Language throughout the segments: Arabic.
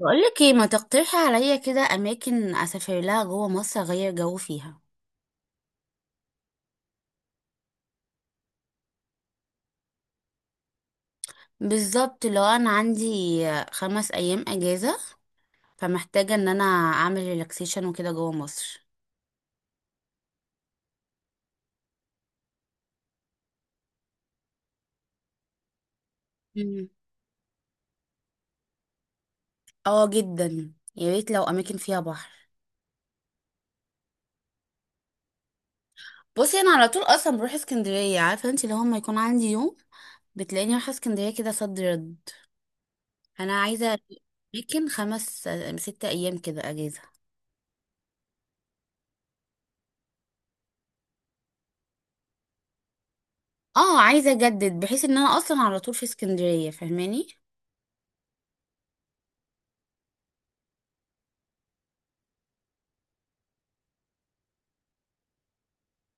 بقولك ايه ما تقترحي عليا كده اماكن اسافر لها جوه مصر اغير جو فيها؟ بالظبط، لو انا عندي خمس ايام اجازه فمحتاجه ان انا اعمل ريلاكسيشن وكده جوه مصر. مم. اه جدا، يا ريت لو اماكن فيها بحر. بصي، انا على طول اصلا بروح اسكندريه، عارفه انت لو ما يكون عندي يوم بتلاقيني رايحه اسكندريه كده صد رد. انا عايزه اماكن خمس ست ايام كده اجازه. اه، عايزه اجدد بحيث ان انا اصلا على طول في اسكندريه، فاهماني.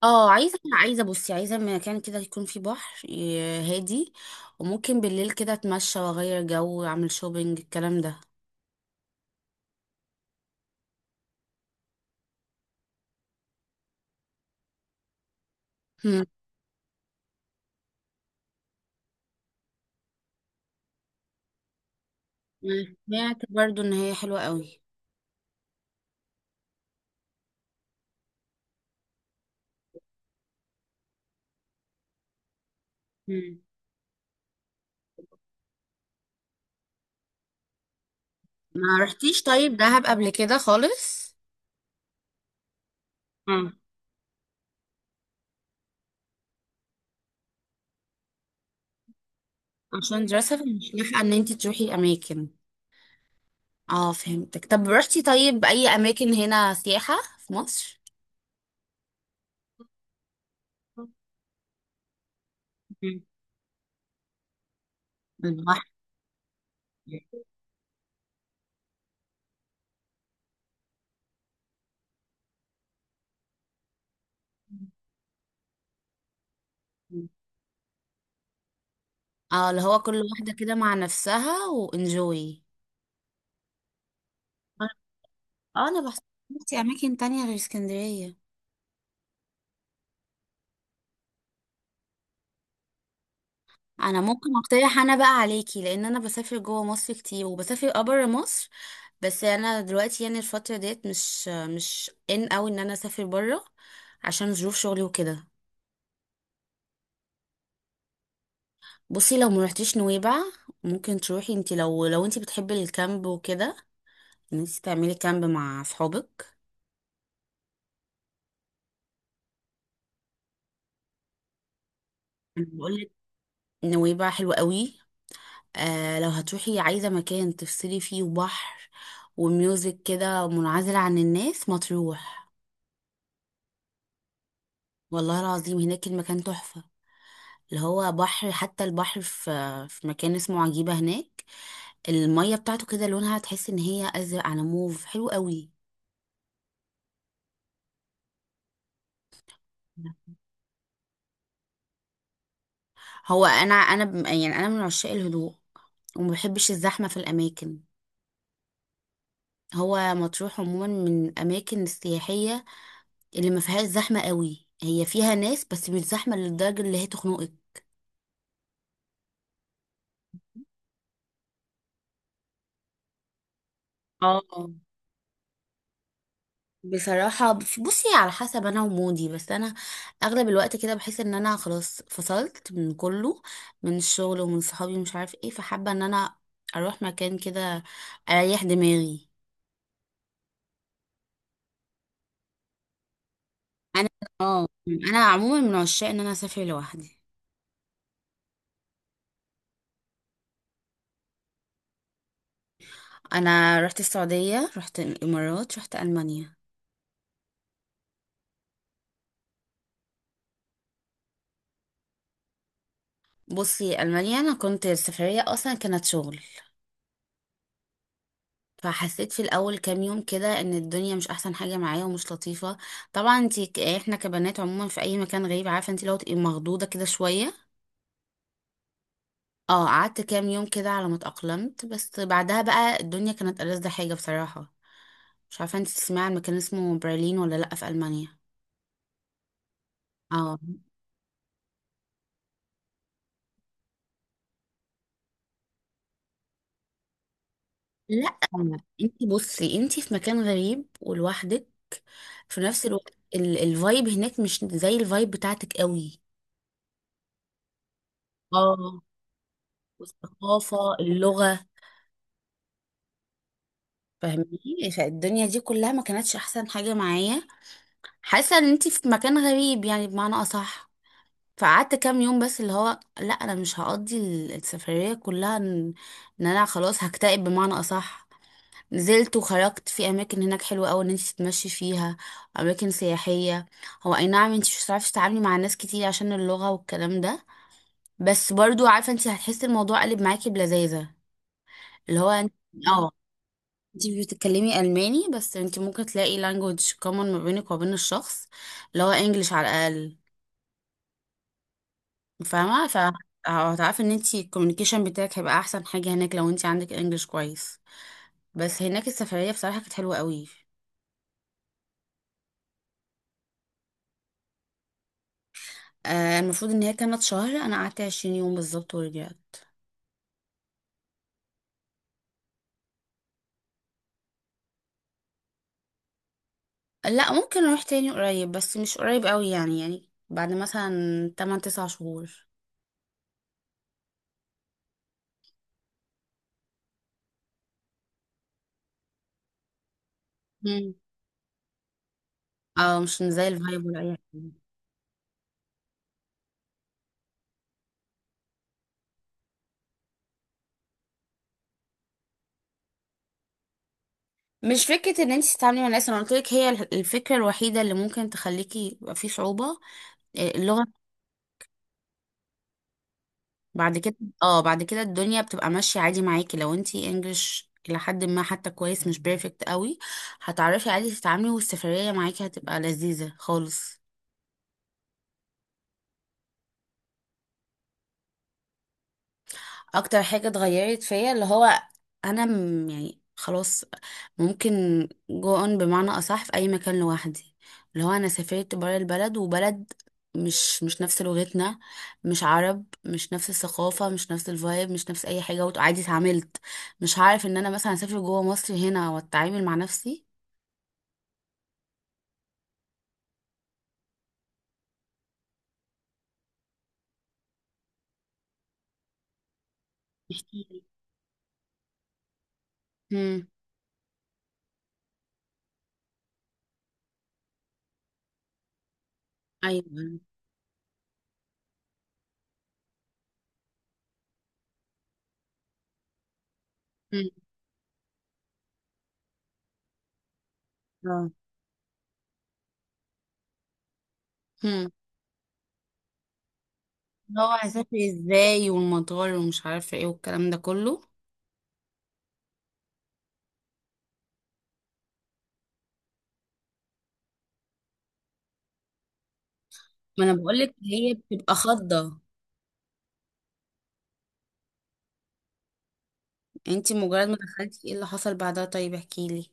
اه، عايزه بصي عايزه مكان كده يكون فيه بحر هادي، وممكن بالليل كده اتمشى واغير جو واعمل شوبينج الكلام ده. هم. أنا سمعت برضو ان هي حلوه قوي. هم. ما رحتيش طيب دهب قبل كده خالص؟ اه، عشان دراسه فمش لاحقه ان انت تروحي اماكن. اه، فهمتك. طب رحتي طيب اي اماكن هنا سياحه في مصر؟ مم. البحر. اه، اللي هو كل واحده كده مع نفسها وانجوي. اه، انا بحس نفسي اماكن تانية غير اسكندرية. انا ممكن اقترح انا بقى عليكي، لان انا بسافر جوه مصر كتير وبسافر ابرا مصر. بس انا دلوقتي يعني الفترة ديت مش ان اوي ان انا اسافر برا، عشان ظروف شغلي وكده. بصي، لو ما رحتيش نويبع ممكن تروحي انت، لو انت بتحبي الكامب وكده، ان انت تعملي كامب مع اصحابك. انا بقول لك نويبع حلوة قوي. لو هتروحي عايزة مكان تفصلي فيه وبحر وميوزك كده منعزل عن الناس، مطروح. والله العظيم، هناك المكان تحفة. اللي هو بحر، حتى البحر في مكان اسمه عجيبة هناك، المية بتاعته كده لونها تحس ان هي ازرق على موف، حلو قوي. هو انا يعني انا من عشاق الهدوء وما بحبش الزحمة في الاماكن. هو مطروح عموما من الاماكن السياحية اللي ما فيهاش زحمة قوي، هي فيها ناس بس مش زحمة للدرجة اللي هي تخنقك. اه، بصراحة بصي على حسب انا ومودي، بس انا اغلب الوقت كده بحس ان انا خلاص فصلت من كله، من الشغل ومن صحابي ومش عارف ايه، فحابة ان انا اروح مكان كده اريح دماغي. انا اه انا عموما من عشاق ان انا اسافر لوحدي. انا رحت السعودية، رحت الامارات، رحت المانيا. بصي، المانيا انا كنت السفرية اصلا كانت شغل، فحسيت في الاول كام يوم كده ان الدنيا مش احسن حاجه معايا ومش لطيفه. طبعا انتي احنا كبنات عموما في اي مكان غريب، عارفه انتي لو تبقي مخضوضه كده شويه. اه، قعدت كام يوم كده على ما اتاقلمت، بس بعدها بقى الدنيا كانت ألذ حاجه بصراحه. مش عارفه انتي تسمعي عن مكان اسمه برلين ولا لا في المانيا. اه. لا، انتي بصي انتي في مكان غريب ولوحدك، في نفس الوقت الفايب هناك مش زي الفايب بتاعتك قوي. اه، والثقافة، اللغة، فاهمني. فالدنيا دي كلها ما كانتش احسن حاجة معايا. حاسة ان انتي في مكان غريب، يعني بمعنى اصح. فقعدت كام يوم بس، اللي هو لا انا مش هقضي السفرية كلها إن انا خلاص هكتئب بمعنى اصح. نزلت وخرجت في اماكن هناك حلوة قوي ان انتي تتمشي فيها، اماكن سياحية. هو اي نعم، انتي مش هتعرفي تتعاملي مع ناس كتير عشان اللغة والكلام ده، بس برضو عارفة انتي هتحسي الموضوع قلب معاكي بلذاذة. اللي هو انت- اه، انتي بتتكلمي الماني بس انتي ممكن تلاقي language common ما بينك وبين الشخص، اللي هو انجليش على الاقل، فاهمه. فهتعرفي ان انتي الكوميونيكيشن بتاعك هيبقى احسن حاجه هناك، لو انتي عندك انجليش كويس. بس هناك السفريه بصراحه كانت حلوه قوي. المفروض ان هي كانت شهر، انا قعدت 20 يوم بالظبط ورجعت. لا، ممكن اروح تاني قريب بس مش قريب قوي، يعني بعد مثلا 8 9 شهور. مم. اه، مش زي الفايب ولا اي حاجه. مش فكرة ان انت تتعاملي مع الناس، انا قلت لك هي الفكرة الوحيدة اللي ممكن تخليكي يبقى في صعوبة، اللغة. بعد كده. اه، بعد كده الدنيا بتبقى ماشية عادي معاكي لو انت انجلش إلى حد ما حتى كويس، مش بيرفكت قوي. هتعرفي عادي تتعاملي والسفرية معاكي هتبقى لذيذة خالص. اكتر حاجة اتغيرت فيا اللي هو، انا يعني خلاص ممكن جو اون بمعنى اصح في اي مكان لوحدي، اللي هو انا سافرت برا البلد وبلد مش نفس لغتنا، مش عرب، مش نفس الثقافة، مش نفس الفايب، مش نفس اي حاجة، وعادي اتعاملت. مش هعرف ان انا مثلا اسافر جوه مصر هنا واتعامل مع نفسي. احكي لي. امم. ايوه. امم. اه. امم. اللي هو هسافر ازاي والمطار ومش عارفة ايه والكلام ده كله. ما انا بقولك هي بتبقى خضة. انت مجرد ما دخلتي ايه اللي حصل بعدها؟ طيب احكي لي.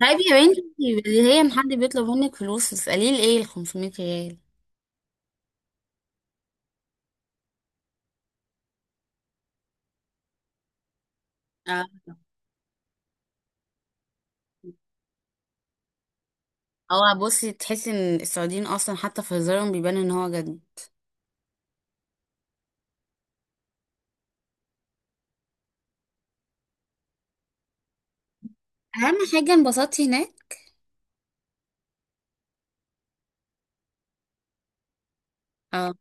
طيب يا بنتي، اللي هي ان حد بيطلب منك فلوس تسأليه ليه ال 500 ريال؟ اه. هو بصي تحسي ان السعوديين اصلا حتى في هزارهم بيبان ان هو جد. اهم حاجة انبسطتي هناك؟ اه.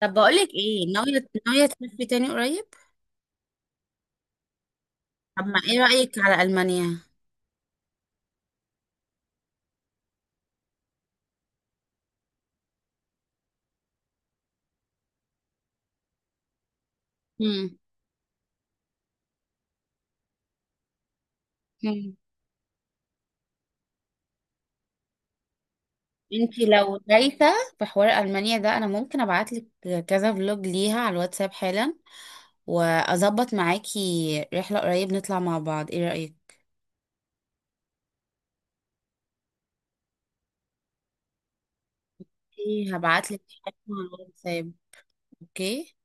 طب بقولك ايه، ناوية تسافري تاني قريب؟ طب ما ايه رأيك على ألمانيا؟ امم. انتي لو دايسه في حوار المانيا ده، انا ممكن ابعتلك كذا فلوج ليها على الواتساب حالا، واظبط معاكي رحله قريب نطلع مع بعض، ايه رايك؟ هبعتلك حاجة على الواتساب. اوكي.